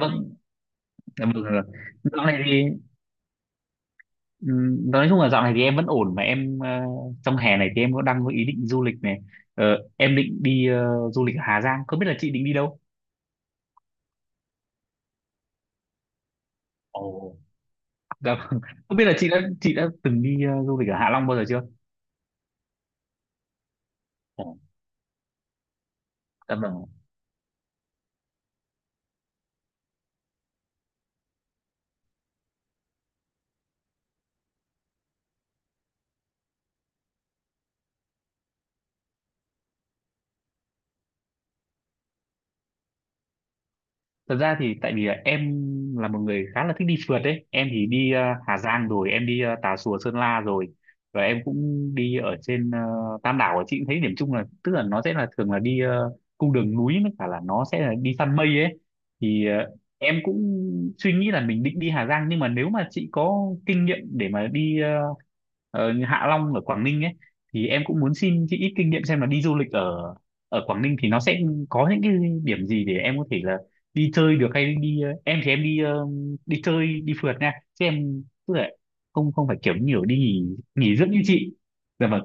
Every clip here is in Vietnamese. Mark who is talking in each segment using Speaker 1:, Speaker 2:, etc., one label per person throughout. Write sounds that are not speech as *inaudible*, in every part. Speaker 1: Vâng, dạ vâng, dạ vâng rồi. Dạo này thì nói chung là dạo này thì em vẫn ổn mà em trong hè này thì em có đang có ý định du lịch này. Ờ, em định đi du lịch ở Hà Giang, không biết là chị định đi đâu. Ồ. Dạ vâng. *laughs* Không biết là chị đã từng đi du lịch ở Hạ Long bao giờ chưa? Ồ. Dạ vâng, thật ra thì tại vì là em là một người khá là thích đi phượt đấy. Em thì đi Hà Giang rồi, em đi Tà Xùa Sơn La rồi, và em cũng đi ở trên Tam Đảo. Ở chị cũng thấy điểm chung là tức là nó sẽ là thường là đi cung đường núi, với cả là nó sẽ là đi săn mây ấy. Thì em cũng suy nghĩ là mình định đi Hà Giang, nhưng mà nếu mà chị có kinh nghiệm để mà đi Hạ Long ở Quảng Ninh ấy, thì em cũng muốn xin chị ít kinh nghiệm xem là đi du lịch ở ở Quảng Ninh thì nó sẽ có những cái điểm gì để em có thể là đi chơi được, hay đi em thì em đi chơi đi phượt nha, chứ em tức là không không phải kiểu nhiều đi nghỉ nghỉ dưỡng như chị. Dạ vâng.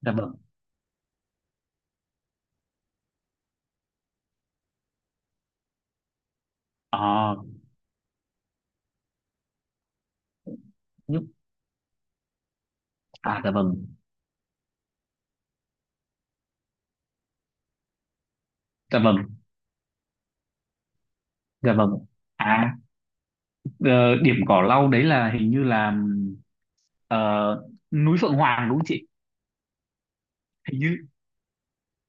Speaker 1: Dạ vâng. À, nhúc. À, dạ vâng. Dạ vâng. Dạ vâng. À. ờ, điểm cỏ lau đấy là hình như là ờ, núi Phượng Hoàng đúng không chị? Hình như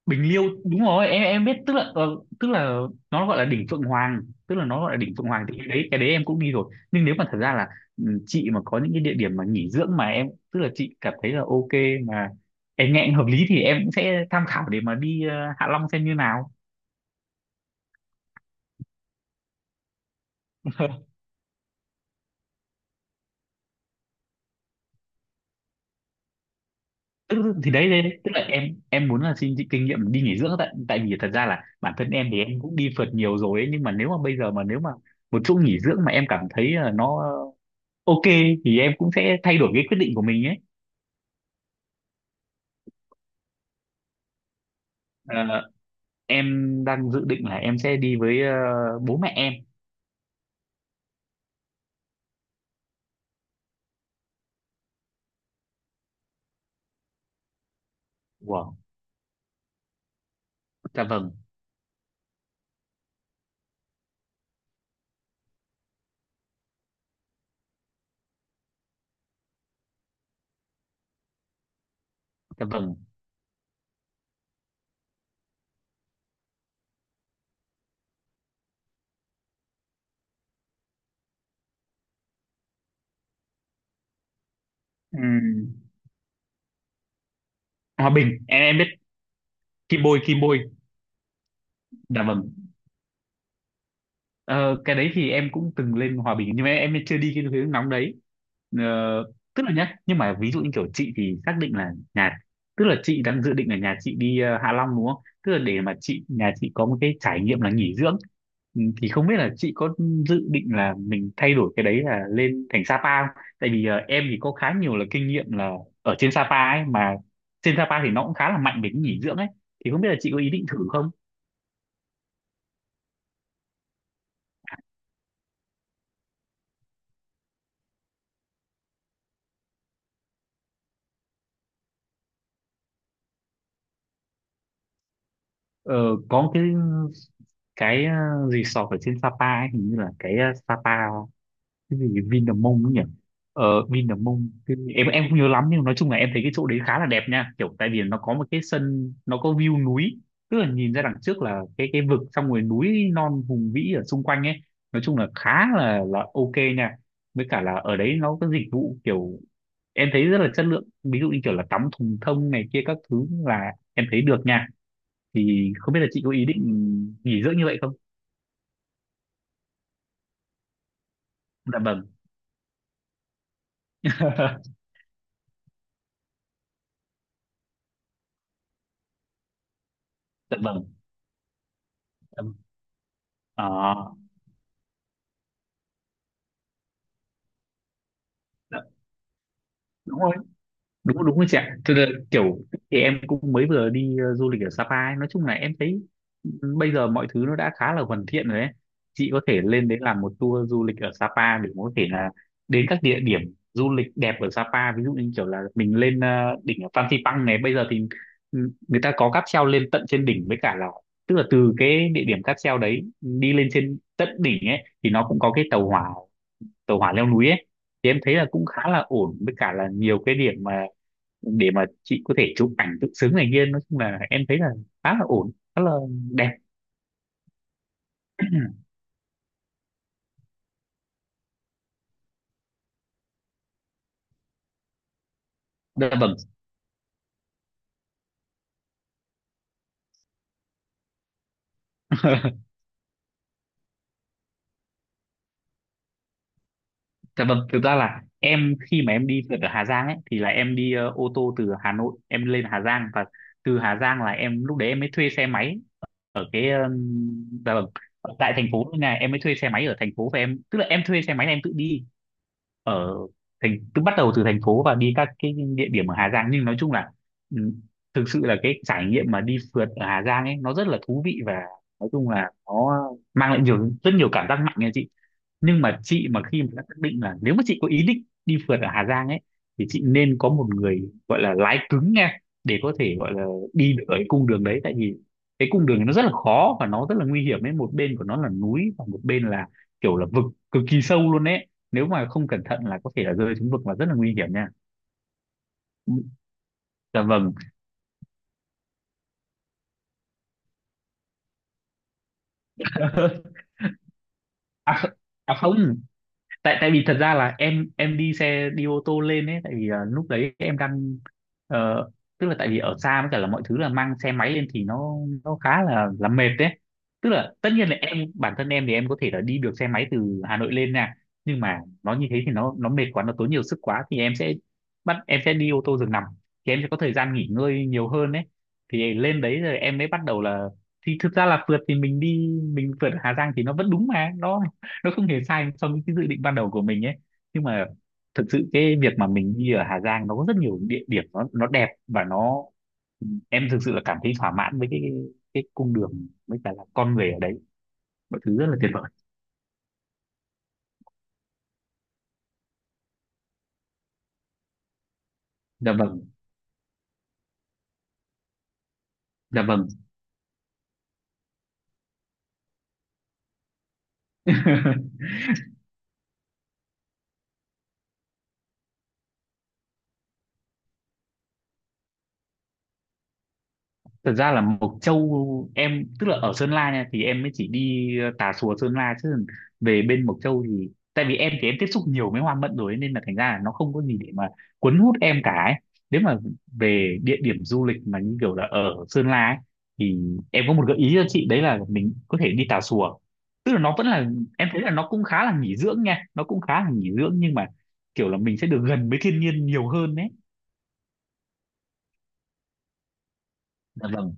Speaker 1: Bình Liêu đúng rồi, em biết, tức là tức là nó gọi là đỉnh Phượng Hoàng. Tức là nó gọi là đỉnh Phượng Hoàng, thì cái đấy em cũng đi rồi, nhưng nếu mà thật ra là chị mà có những cái địa điểm mà nghỉ dưỡng mà em tức là chị cảm thấy là ok, mà em nghe hợp lý thì em cũng sẽ tham khảo để mà đi Hạ Long xem như nào. *laughs* Tức thì đấy, đấy đấy. Tức là em muốn là xin chị kinh nghiệm đi nghỉ dưỡng, tại tại vì thật ra là bản thân em thì em cũng đi phượt nhiều rồi ấy, nhưng mà nếu mà bây giờ mà nếu mà một chỗ nghỉ dưỡng mà em cảm thấy là nó ok thì em cũng sẽ thay đổi cái quyết định của mình ấy. Ờ, em đang dự định là em sẽ đi với bố mẹ em. Wow, dạ vâng, dạ vâng. Ừm, Hòa Bình, em biết Kim Bôi, Kim Bôi, dạ vâng. Ờ, cái đấy thì em cũng từng lên Hòa Bình nhưng mà em chưa đi cái hướng nóng đấy. Ờ, tức là nhá, nhưng mà ví dụ như kiểu chị thì xác định là nhà, tức là chị đang dự định là nhà chị đi Hạ Long đúng không, tức là để mà chị nhà chị có một cái trải nghiệm là nghỉ dưỡng. Ừ, thì không biết là chị có dự định là mình thay đổi cái đấy, là lên thành Sapa không? Tại vì em thì có khá nhiều là kinh nghiệm là ở trên Sapa ấy mà, trên Sapa thì nó cũng khá là mạnh về cái nghỉ dưỡng ấy, thì không biết là chị có ý định thử không? Ờ, có một cái resort ở trên Sapa ấy, hình như là cái Sapa cái gì Vinamong ấy nhỉ. Vinamong em không nhớ lắm, nhưng nói chung là em thấy cái chỗ đấy khá là đẹp nha, kiểu tại vì nó có một cái sân, nó có view núi. Tức là nhìn ra đằng trước là cái vực, xong rồi núi non hùng vĩ ở xung quanh ấy. Nói chung là khá là ok nha. Với cả là ở đấy nó có dịch vụ kiểu em thấy rất là chất lượng, ví dụ như kiểu là tắm thùng thông này kia các thứ, là em thấy được nha. Thì không biết là chị có ý định nghỉ dưỡng như vậy không? Dạ vâng. *laughs* Dạ vâng. Ừm. *laughs* Ờ, dạ, đúng rồi. Đúng đúng rồi chị ạ. Thế là kiểu, thì em cũng mới vừa đi du lịch ở Sapa ấy. Nói chung là em thấy ừ, bây giờ mọi thứ nó đã khá là hoàn thiện rồi ấy. Chị có thể lên đấy làm một tour du lịch ở Sapa để có thể là đến các địa điểm du lịch đẹp ở Sapa, ví dụ như kiểu là mình lên đỉnh ở Phan Xipang này. Bây giờ thì người ta có cáp treo lên tận trên đỉnh, với cả là tức là từ cái địa điểm cáp treo đấy đi lên trên tận đỉnh ấy thì nó cũng có cái tàu hỏa leo núi ấy. Thì em thấy là cũng khá là ổn, với cả là nhiều cái điểm mà để mà chị có thể chụp ảnh tự xứng này kia. Nói chung là em thấy là khá là ổn, khá là đẹp. *clears throat* Dạ vâng. *laughs* Dạ vâng, thực ra là em khi mà em đi phượt ở Hà Giang ấy, thì là em đi ô tô từ Hà Nội em lên Hà Giang, và từ Hà Giang là em lúc đấy em mới thuê xe máy ở cái dạ vâng, ở tại thành phố này em mới thuê xe máy ở thành phố, và em tức là em thuê xe máy là em tự đi ở thành, cứ bắt đầu từ thành phố và đi các cái địa điểm ở Hà Giang. Nhưng nói chung là ừ, thực sự là cái trải nghiệm mà đi phượt ở Hà Giang ấy nó rất là thú vị, và nói chung là nó mang lại nhiều, rất nhiều cảm giác mạnh nha chị. Nhưng mà chị mà khi mà đã xác định là nếu mà chị có ý định đi phượt ở Hà Giang ấy, thì chị nên có một người gọi là lái cứng nha, để có thể gọi là đi được ở cái cung đường đấy. Tại vì cái cung đường này nó rất là khó và nó rất là nguy hiểm ấy, một bên của nó là núi và một bên là kiểu là vực cực kỳ sâu luôn ấy. Nếu mà không cẩn thận là có thể là rơi xuống vực và rất là nguy hiểm nha. Dạ vâng. *laughs* À, à không, tại tại vì thật ra là em đi ô tô lên ấy, tại vì lúc đấy em đang ờ, tức là tại vì ở xa, với cả là mọi thứ là mang xe máy lên thì nó khá là mệt đấy. Tức là tất nhiên là em bản thân em thì em có thể là đi được xe máy từ Hà Nội lên nha, nhưng mà nó như thế thì nó mệt quá, nó tốn nhiều sức quá, thì em sẽ em sẽ đi ô tô giường nằm. Thì em sẽ có thời gian nghỉ ngơi nhiều hơn đấy. Thì lên đấy rồi em mới bắt đầu là thì thực ra là phượt thì mình phượt ở Hà Giang thì nó vẫn đúng, mà nó không hề sai so với cái dự định ban đầu của mình ấy. Nhưng mà thực sự cái việc mà mình đi ở Hà Giang nó có rất nhiều địa điểm, nó đẹp, và em thực sự là cảm thấy thỏa mãn với cái cung đường, với cả là con người ở đấy, mọi thứ rất là tuyệt vời. Dạ vâng. Dạ vâng. *laughs* Thật ra là Mộc Châu em tức là ở Sơn La nha, thì em mới chỉ đi Tà Xùa Sơn La chứ về bên Mộc Châu, thì tại vì em thì em tiếp xúc nhiều với hoa mận rồi ấy, nên là thành ra là nó không có gì để mà cuốn hút em cả ấy. Nếu mà về địa điểm du lịch mà như kiểu là ở Sơn La ấy, thì em có một gợi ý cho chị, đấy là mình có thể đi Tà Xùa. Tức là nó vẫn là em thấy là nó cũng khá là nghỉ dưỡng nha, nó cũng khá là nghỉ dưỡng, nhưng mà kiểu là mình sẽ được gần với thiên nhiên nhiều hơn đấy. Dạ vâng.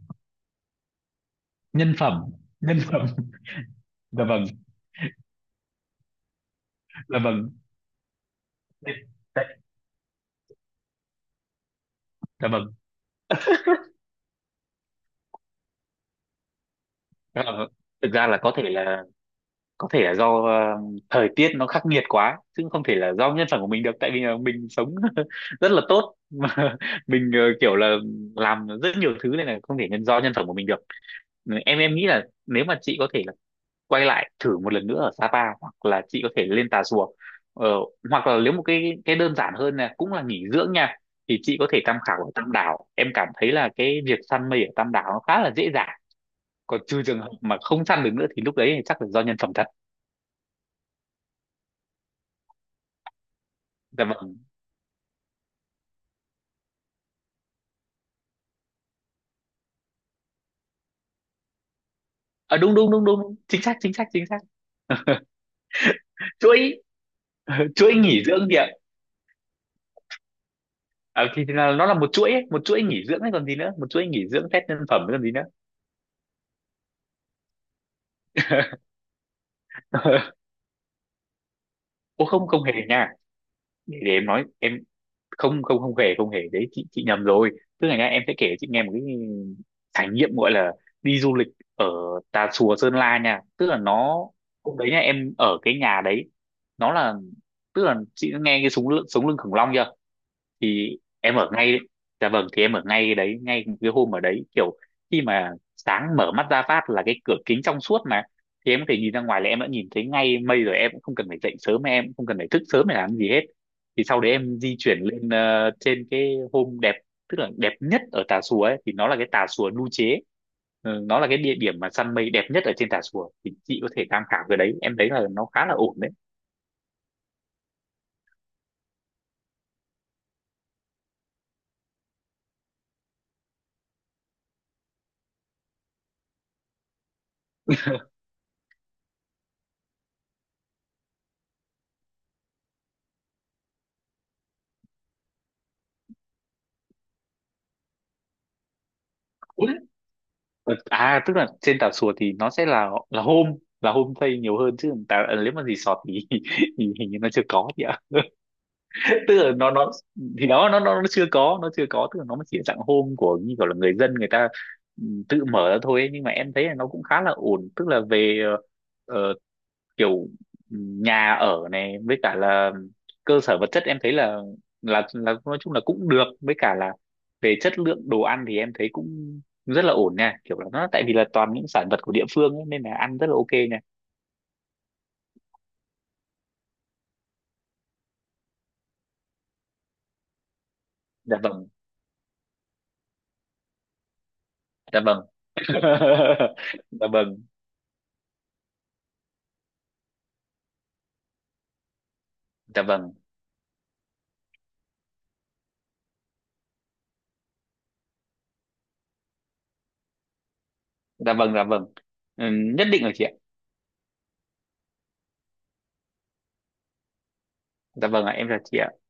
Speaker 1: Nhân phẩm. Nhân phẩm. *laughs* Dạ vâng. Dạ vâng. Đấy, đấy, dạ vâng. Dạ vâng. Thực ra là có thể là do thời tiết nó khắc nghiệt quá chứ không thể là do nhân phẩm của mình được, tại vì là mình sống *laughs* rất là tốt mà, *laughs* mình kiểu là làm rất nhiều thứ nên là không thể nhân do nhân phẩm của mình được. Em nghĩ là nếu mà chị có thể là quay lại thử một lần nữa ở Sapa, hoặc là chị có thể lên Tà Xùa, ờ, hoặc là nếu một cái đơn giản hơn là cũng là nghỉ dưỡng nha, thì chị có thể tham khảo ở Tam Đảo. Em cảm thấy là cái việc săn mây ở Tam Đảo nó khá là dễ dàng, còn trừ trường hợp mà không săn được nữa thì lúc đấy thì chắc là do nhân phẩm thật. Dạ vâng. À, đúng đúng đúng đúng, chính xác chính xác chính xác. Chuỗi. *laughs* Chuỗi nghỉ dưỡng kìa. À, thì là nó là một chuỗi ấy, một chuỗi nghỉ dưỡng ấy còn gì nữa, một chuỗi nghỉ dưỡng test nhân phẩm ấy còn gì nữa. *laughs* Ô không không hề nha. Để em nói, em không không không hề, không hề đấy, chị nhầm rồi. Tức là nhá, em sẽ kể cho chị nghe một cái trải nghiệm gọi là đi du lịch ở Tà Xùa Sơn La nha. Tức là nó hôm đấy nha, em ở cái nhà đấy, nó là, tức là chị đã nghe cái súng lưng sống lưng khủng long chưa? Thì em ở ngay, dạ vâng, thì em ở ngay cái đấy, ngay cái hôm ở đấy kiểu khi mà sáng mở mắt ra phát là cái cửa kính trong suốt mà, thì em có thể nhìn ra ngoài là em đã nhìn thấy ngay mây rồi, em cũng không cần phải dậy sớm, em cũng không cần phải thức sớm để làm gì hết. Thì sau đấy em di chuyển lên trên cái hôm đẹp, tức là đẹp nhất ở Tà Xùa ấy, thì nó là cái Tà Xùa Nu Chế. Ừ, nó là cái địa điểm mà săn mây đẹp nhất ở trên Tà Xùa, thì chị có thể tham khảo cái đấy, em thấy là nó khá là ổn đấy. Ủa? Ừ, à tức là trên Tà Xùa thì nó sẽ là home, là homestay nhiều hơn, chứ tà, nếu mà resort thì, *laughs* thì hình như nó chưa có chị ạ. Tức là nó Thì đó nó chưa có, nó chưa có, tức là nó mới chỉ là dạng hôm của như kiểu là người ta, ừ, tự mở ra thôi ấy. Nhưng mà em thấy là nó cũng khá là ổn, tức là về ờ, kiểu ừ, nhà ở này với cả là cơ sở vật chất em thấy là là nói chung là cũng được, với cả là về chất lượng đồ ăn thì em thấy cũng rất là ổn nha, kiểu là nó tại vì là toàn những sản vật của địa phương ấy, nên là ăn rất là ok nha. Dạ vâng, dạ vâng. *laughs* Dạ vâng, dạ vâng, dạ vâng, dạ vâng. Ừ, nhất định rồi chị ạ. Dạ vâng ạ, em chào chị ạ.